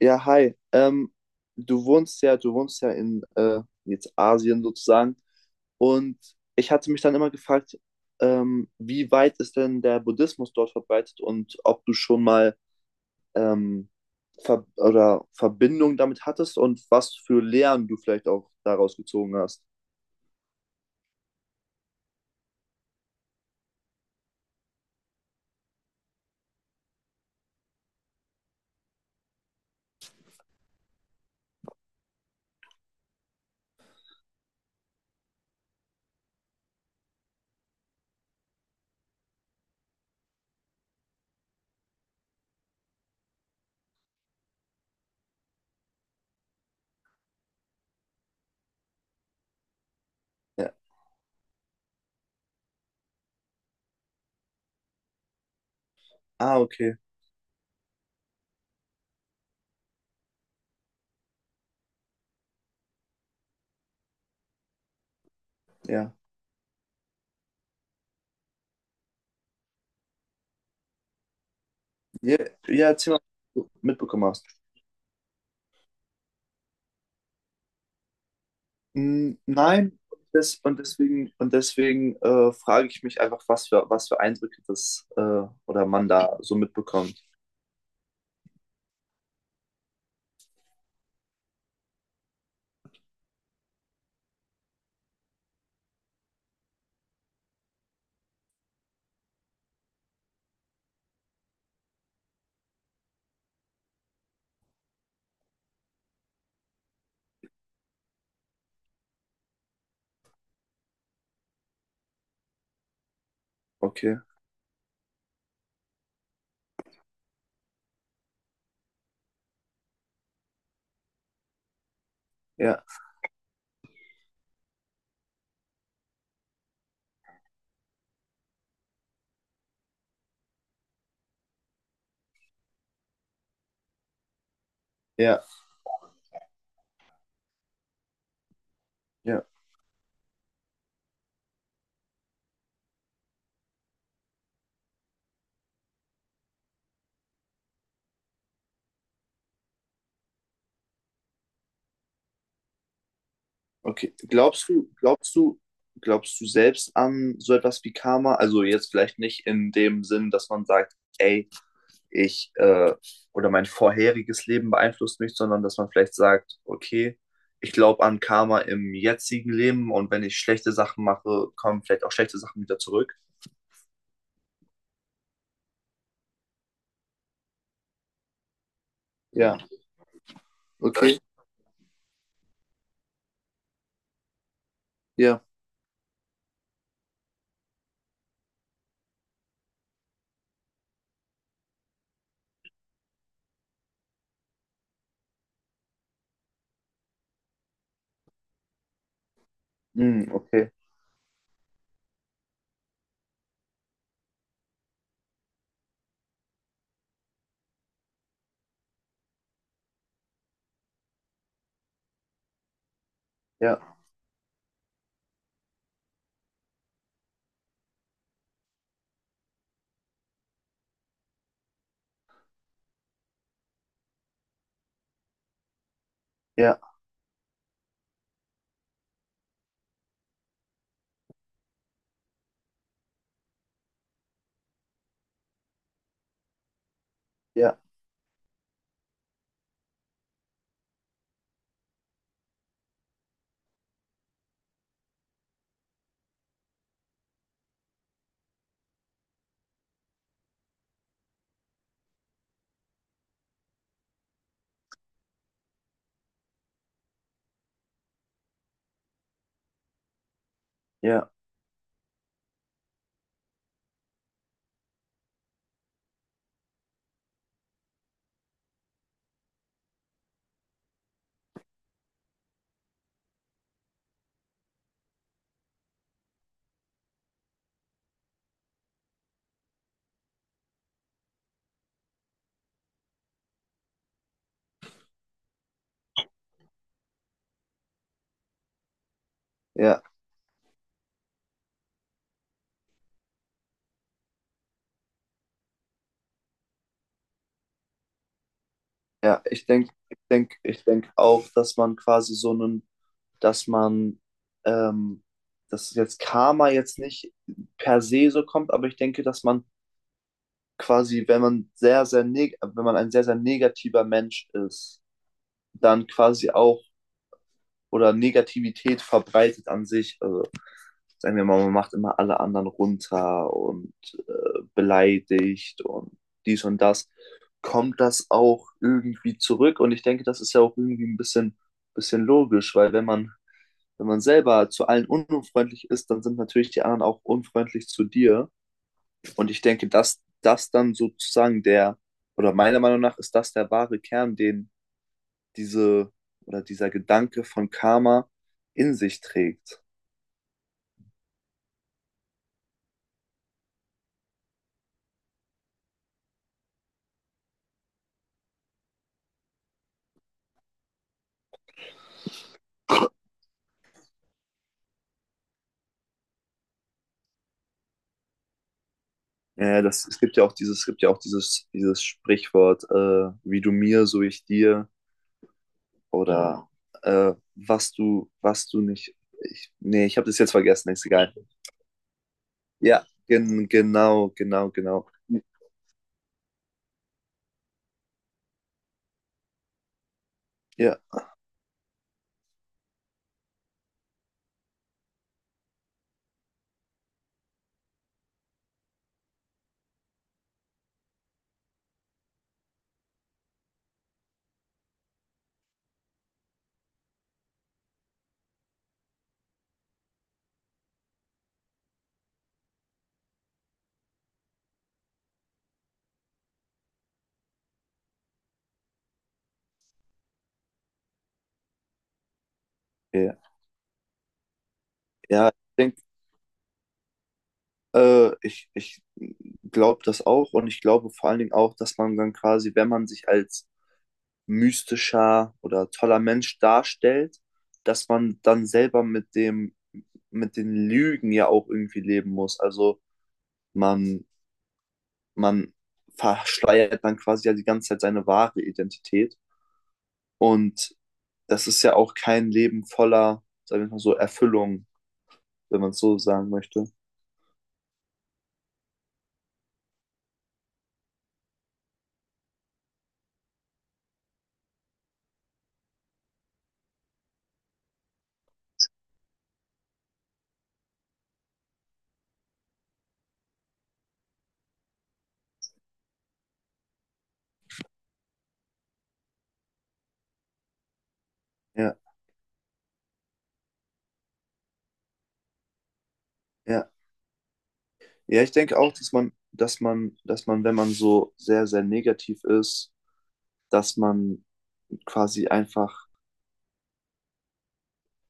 Ja, hi. Du wohnst ja in jetzt Asien sozusagen. Und ich hatte mich dann immer gefragt, wie weit ist denn der Buddhismus dort verbreitet und ob du schon mal ähm, Ver oder Verbindung damit hattest und was für Lehren du vielleicht auch daraus gezogen hast. Ja. Ah, okay. Ja. Ja, ja, erzähl mal, was du mitbekommen hast. Mm, nein, deswegen frage ich mich einfach, was für Eindrücke das oder man da so mitbekommt. Okay, ja, ja, ja, okay. Glaubst du selbst an so etwas wie Karma? Also jetzt vielleicht nicht in dem Sinn, dass man sagt, ey, ich oder mein vorheriges Leben beeinflusst mich, sondern dass man vielleicht sagt, okay, ich glaube an Karma im jetzigen Leben, und wenn ich schlechte Sachen mache, kommen vielleicht auch schlechte Sachen wieder zurück. Ja. Okay, weißt ja. Hm, okay. Ja, ja, ja, ja, ja, ja. Ich denk auch, dass man quasi so einen, dass man, ähm, dass jetzt Karma jetzt nicht per se so kommt, aber ich denke, dass man quasi, wenn man sehr, sehr neg wenn man ein sehr, sehr negativer Mensch ist, dann quasi auch oder Negativität verbreitet an sich. Also sagen wir mal, man macht immer alle anderen runter und beleidigt und dies und das, kommt das auch irgendwie zurück. Und ich denke, das ist ja auch irgendwie ein bisschen logisch, weil wenn man selber zu allen unfreundlich ist, dann sind natürlich die anderen auch unfreundlich zu dir. Und ich denke, dass das dann sozusagen der, oder meiner Meinung nach ist das der wahre Kern, den diese oder dieser Gedanke von Karma in sich trägt. Ja, ja, das, es gibt ja auch dieses Sprichwort, wie du mir, so ich dir, oder genau. Was du nicht. Ich, nee, ich habe das jetzt vergessen, ist egal. Ja, genau, genau, genau. Ja, ja, ja, ich denke, ich glaube das auch, und ich glaube vor allen Dingen auch, dass man dann quasi, wenn man sich als mystischer oder toller Mensch darstellt, dass man dann selber mit dem mit den Lügen ja auch irgendwie leben muss. Also man, man verschleiert dann quasi ja die ganze Zeit seine wahre Identität. Und das ist ja auch kein Leben voller, sagen wir mal so, Erfüllung, wenn man es so sagen möchte. Ja, ja. Ja, ich denke auch, dass man, wenn man so sehr, sehr negativ ist, dass man quasi einfach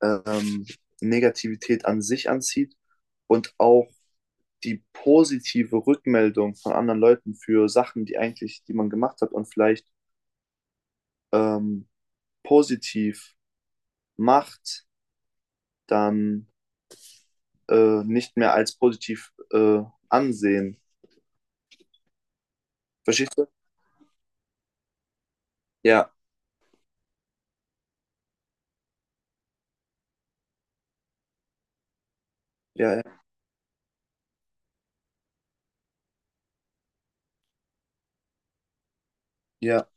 ähm, Negativität an sich anzieht und auch die positive Rückmeldung von anderen Leuten für Sachen, die eigentlich, die man gemacht hat und vielleicht ähm, positiv macht, dann nicht mehr als positiv ansehen. Verstehst du? Ja, ja, ja,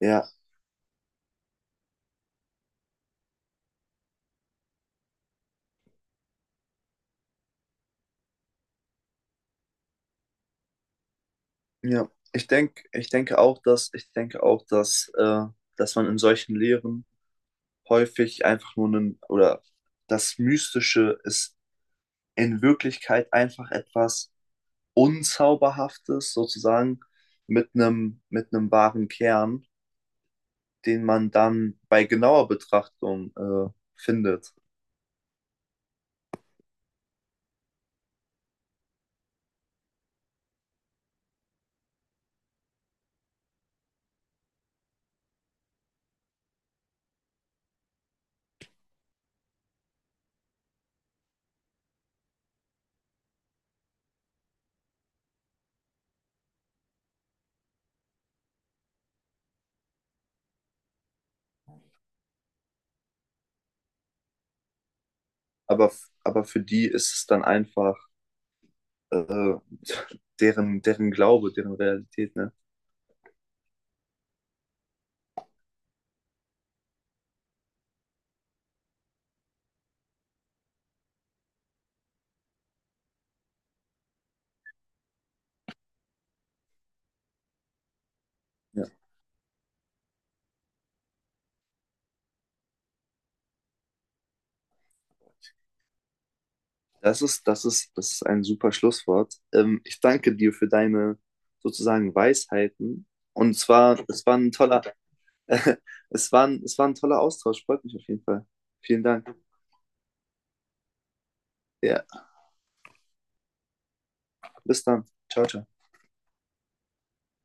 ja, ja. Ich denke auch, dass, ich denke auch, dass, dass man in solchen Lehren häufig einfach nur einen, oder das Mystische ist in Wirklichkeit einfach etwas Unzauberhaftes sozusagen mit einem wahren Kern, den man dann bei genauer Betrachtung findet. Aber, aber für die ist es dann einfach äh, deren, deren Glaube, deren Realität, ne? Ja. Das ist ein super Schlusswort. Ich danke dir für deine sozusagen Weisheiten. Und zwar, es war ein toller, es war ein toller Austausch. Freut mich auf jeden Fall. Vielen Dank. Ja, bis dann. Ciao, ciao.